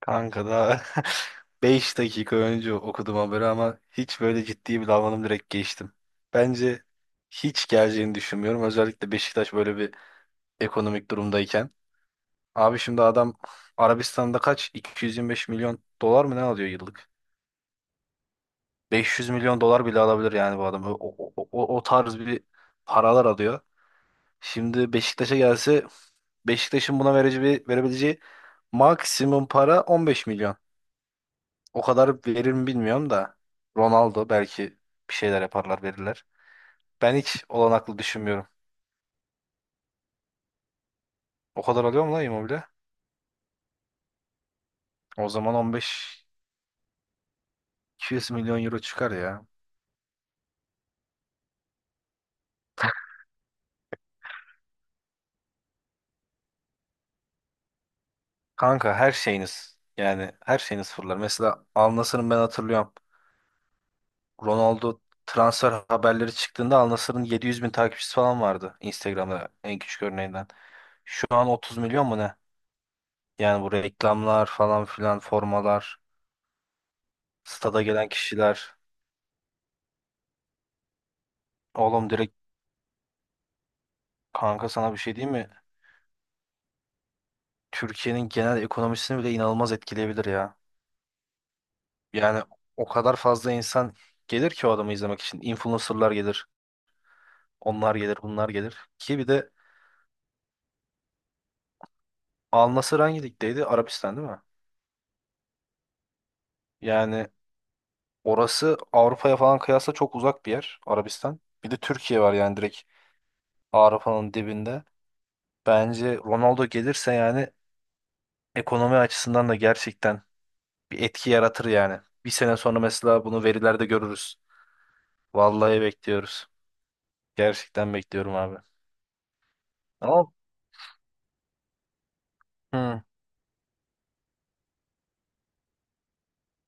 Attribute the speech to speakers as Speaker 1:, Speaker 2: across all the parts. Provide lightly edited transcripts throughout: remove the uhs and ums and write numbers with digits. Speaker 1: Kanka daha 5 dakika önce okudum haberi ama hiç böyle ciddi bir davranım, direkt geçtim. Bence hiç geleceğini düşünmüyorum. Özellikle Beşiktaş böyle bir ekonomik durumdayken. Abi şimdi adam Arabistan'da kaç? 225 milyon dolar mı ne alıyor yıllık? 500 milyon dolar bile alabilir yani bu adam. O tarz bir paralar alıyor. Şimdi Beşiktaş'a gelse Beşiktaş'ın buna vereceği, verebileceği maksimum para 15 milyon. O kadar verir mi bilmiyorum da. Ronaldo belki bir şeyler yaparlar, verirler. Ben hiç olanaklı düşünmüyorum. O kadar alıyor mu lan Immobile? O zaman 15-200 milyon euro çıkar ya. Kanka her şeyiniz, yani her şeyiniz fırlar. Mesela Al Nassr'ın ben hatırlıyorum. Ronaldo transfer haberleri çıktığında Al Nassr'ın 700 bin takipçisi falan vardı Instagram'da, en küçük örneğinden. Şu an 30 milyon mu ne? Yani bu reklamlar falan filan, formalar, stada gelen kişiler. Oğlum direkt, kanka sana bir şey diyeyim mi? Türkiye'nin genel ekonomisini bile inanılmaz etkileyebilir ya. Yani o kadar fazla insan gelir ki o adamı izlemek için. Influencerlar gelir, onlar gelir, bunlar gelir. Ki bir de Al Nassr hangi ligdeydi? Arabistan değil mi? Yani orası Avrupa'ya falan kıyasla çok uzak bir yer, Arabistan. Bir de Türkiye var, yani direkt Avrupa'nın dibinde. Bence Ronaldo gelirse yani ekonomi açısından da gerçekten bir etki yaratır yani. Bir sene sonra mesela bunu verilerde görürüz. Vallahi bekliyoruz. Gerçekten bekliyorum abi. Ama hı.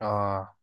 Speaker 1: Aa,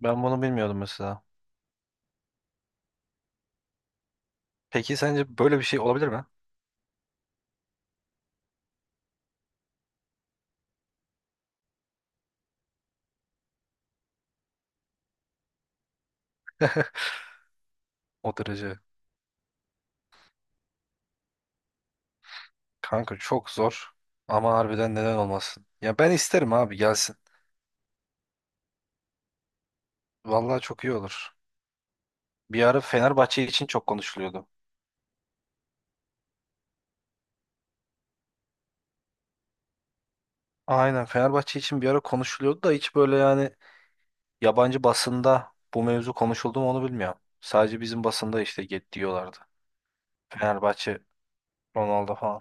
Speaker 1: ben bunu bilmiyordum mesela. Peki sence böyle bir şey olabilir mi? O derece. Kanka çok zor. Ama harbiden neden olmasın? Ya ben isterim abi, gelsin. Vallahi çok iyi olur. Bir ara Fenerbahçe için çok konuşuluyordu. Aynen Fenerbahçe için bir ara konuşuluyordu da hiç böyle yani yabancı basında bu mevzu konuşuldu mu onu bilmiyorum. Sadece bizim basında işte get diyorlardı. Fenerbahçe, Ronaldo falan.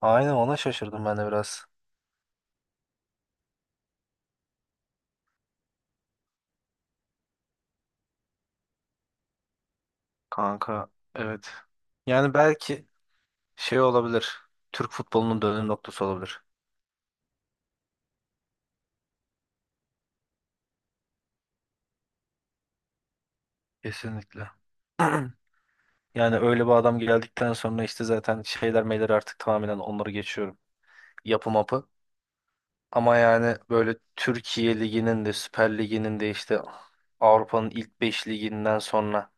Speaker 1: Aynen, ona şaşırdım ben de biraz. Kanka evet. Yani belki şey olabilir. Türk futbolunun dönüm noktası olabilir. Kesinlikle. Yani öyle bir adam geldikten sonra işte zaten şeyler meyler artık tamamen onları geçiyorum. Yapı mapı. Ama yani böyle Türkiye Ligi'nin de, Süper Ligi'nin de işte Avrupa'nın ilk 5 liginden sonra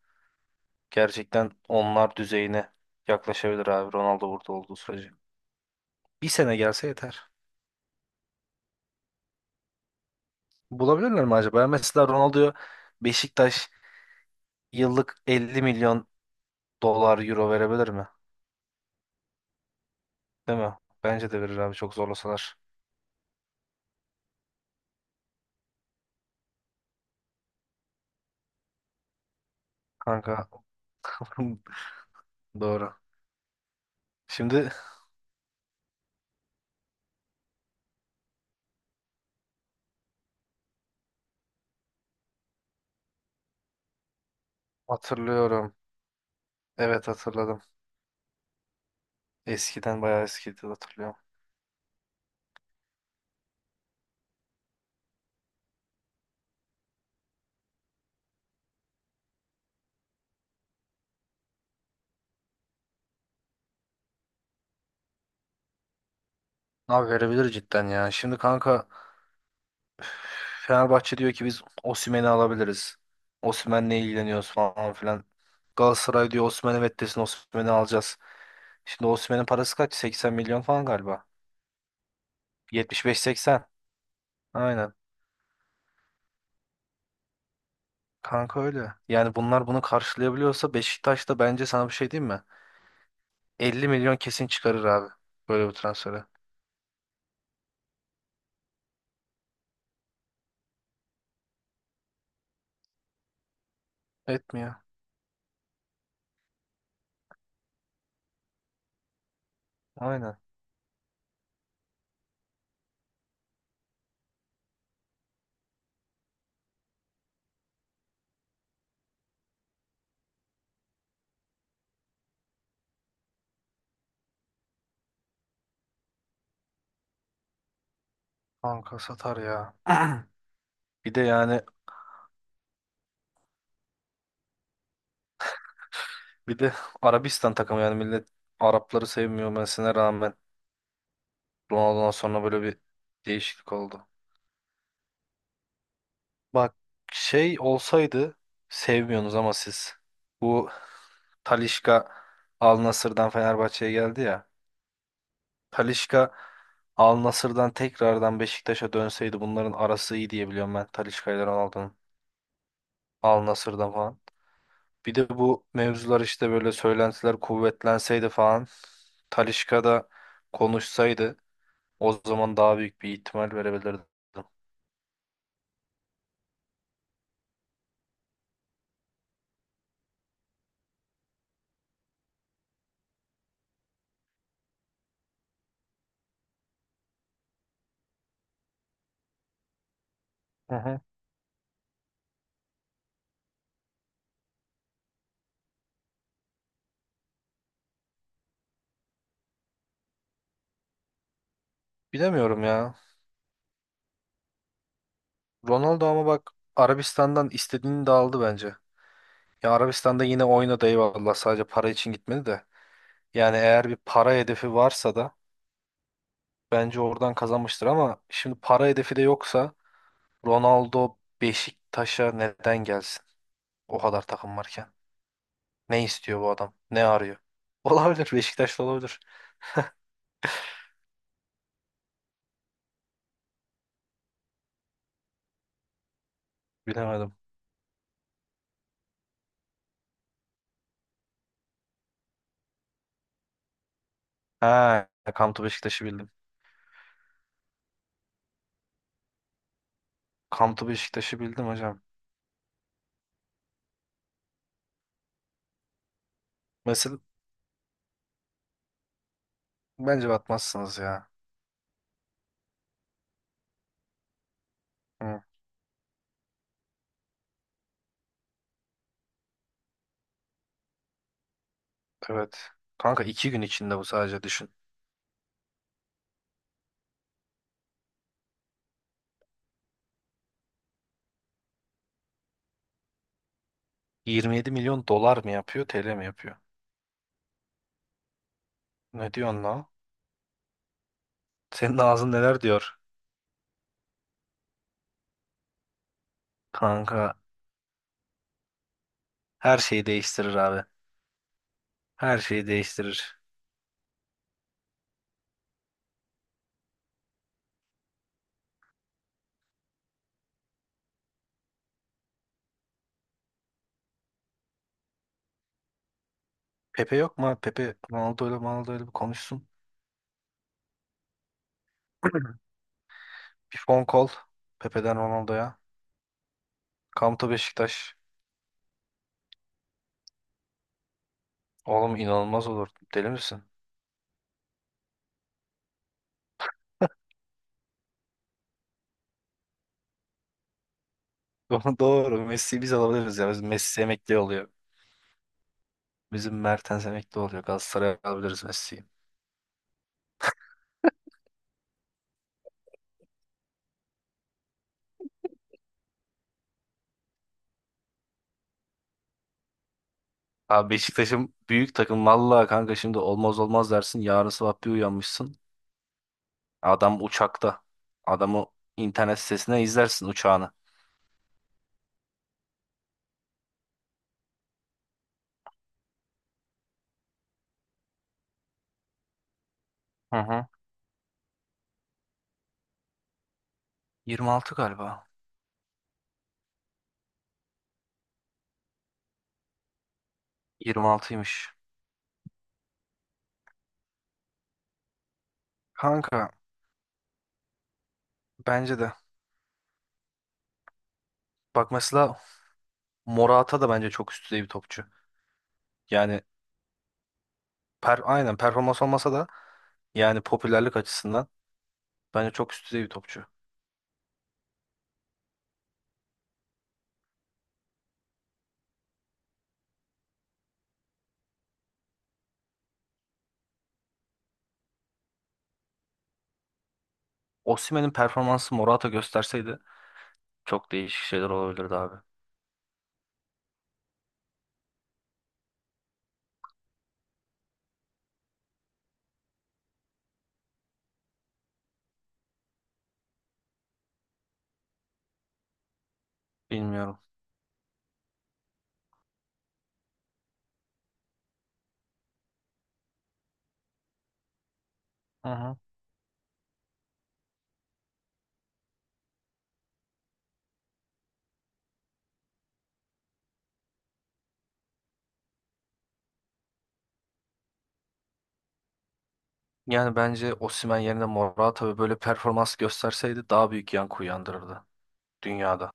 Speaker 1: gerçekten onlar düzeyine yaklaşabilir abi, Ronaldo burada olduğu sürece. Bir sene gelse yeter. Bulabilirler mi acaba? Mesela Ronaldo'yu Beşiktaş yıllık 50 milyon dolar, euro verebilir mi? Değil mi? Bence de verir abi, çok zorlasalar. Kanka doğru. Şimdi hatırlıyorum. Evet, hatırladım. Eskiden, bayağı eskiydi, hatırlıyorum. Abi verebilir cidden ya. Şimdi kanka Fenerbahçe diyor ki biz Osimhen'i alabiliriz. Osimhen'le ilgileniyoruz falan filan. Galatasaray diyor Osimhen evet desin, Osimhen'i alacağız. Şimdi Osimhen'in parası kaç? 80 milyon falan galiba. 75-80. Aynen. Kanka öyle. Yani bunlar bunu karşılayabiliyorsa Beşiktaş da, bence sana bir şey diyeyim mi, 50 milyon kesin çıkarır abi. Böyle bir transfere. Etmiyor. Aynen. Kanka satar ya. Bir de yani bir de Arabistan takımı, yani millet Arapları sevmiyor mesela, rağmen Ronaldo'dan sonra böyle bir değişiklik oldu. Bak şey olsaydı, sevmiyorsunuz ama siz bu Talisca Al Nassr'dan Fenerbahçe'ye geldi ya. Talisca Al Nassr'dan tekrardan Beşiktaş'a dönseydi, bunların arası iyi diye biliyorum ben Talisca ile Ronaldo'nun Al Nassr'dan falan. Bir de bu mevzular işte böyle söylentiler kuvvetlenseydi falan, Talisca da konuşsaydı o zaman daha büyük bir ihtimal verebilirdim. Hı hı. Bilemiyorum ya. Ronaldo ama bak Arabistan'dan istediğini de aldı bence. Ya Arabistan'da yine oynadı, eyvallah, sadece para için gitmedi de. Yani eğer bir para hedefi varsa da bence oradan kazanmıştır, ama şimdi para hedefi de yoksa Ronaldo Beşiktaş'a neden gelsin? O kadar takım varken. Ne istiyor bu adam? Ne arıyor? Olabilir. Beşiktaş'ta olabilir. Bilemedim. Ha, Come to Beşiktaş'ı bildim. Come to Beşiktaş'ı bildim hocam. Mesela bence batmazsınız ya. Hı, evet. Kanka 2 gün içinde bu, sadece düşün. 27 milyon dolar mı yapıyor, TL mi yapıyor? Ne diyorsun lan? Senin ağzın neler diyor? Kanka her şeyi değiştirir abi. Her şeyi değiştirir. Pepe yok mu abi? Pepe Ronaldo ile bir konuşsun. Bir phone call, Pepe'den Ronaldo'ya. Kamto Beşiktaş. Oğlum inanılmaz olur. Deli misin? Doğru. Messi'yi biz alabiliriz ya. Bizim Messi emekli oluyor. Bizim Mertens emekli oluyor. Galatasaray'a alabiliriz Messi'yi. Abi Beşiktaş'ın büyük takım. Vallahi kanka, şimdi olmaz olmaz dersin, yarın sabah bir uyanmışsın. Adam uçakta. Adamı internet sitesine izlersin uçağını. Hı hı. 26 galiba. 26'ymış. Kanka bence de. Bak, mesela Morata da bence çok üst düzey bir topçu. Yani aynen performans olmasa da yani popülerlik açısından bence çok üst düzey bir topçu. Osimhen'in performansı Morata gösterseydi çok değişik şeyler olabilirdi abi. Bilmiyorum. Hı hı. Yani bence Osimhen yerine Morata ve böyle performans gösterseydi daha büyük yankı uyandırırdı dünyada.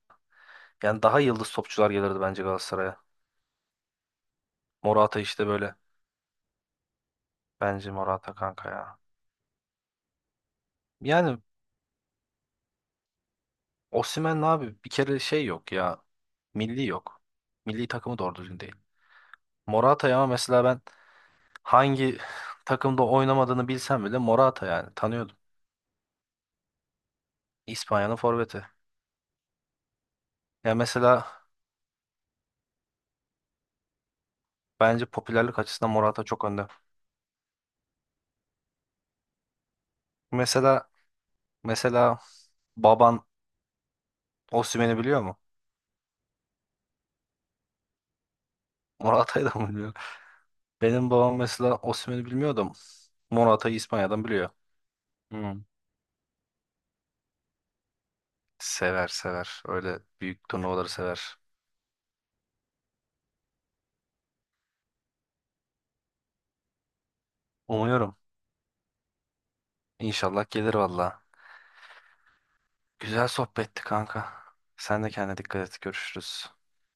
Speaker 1: Yani daha yıldız topçular gelirdi bence Galatasaray'a. Morata işte böyle. Bence Morata kanka ya. Yani Osimhen abi bir kere şey yok ya. Milli yok. Milli takımı doğru düzgün değil. Morata'yı ama mesela ben hangi takımda oynamadığını bilsem bile Morata yani tanıyordum. İspanya'nın forveti. Ya mesela bence popülerlik açısından Morata çok önde. Mesela mesela baban Osimhen'i biliyor mu? Morata'yı da mı biliyor? Benim babam mesela Osimhen'i bilmiyordum. Morata'yı İspanya'dan biliyor. Hmm. Sever sever. Öyle büyük turnuvaları sever. Umuyorum. İnşallah gelir valla. Güzel sohbetti kanka. Sen de kendine dikkat et. Görüşürüz.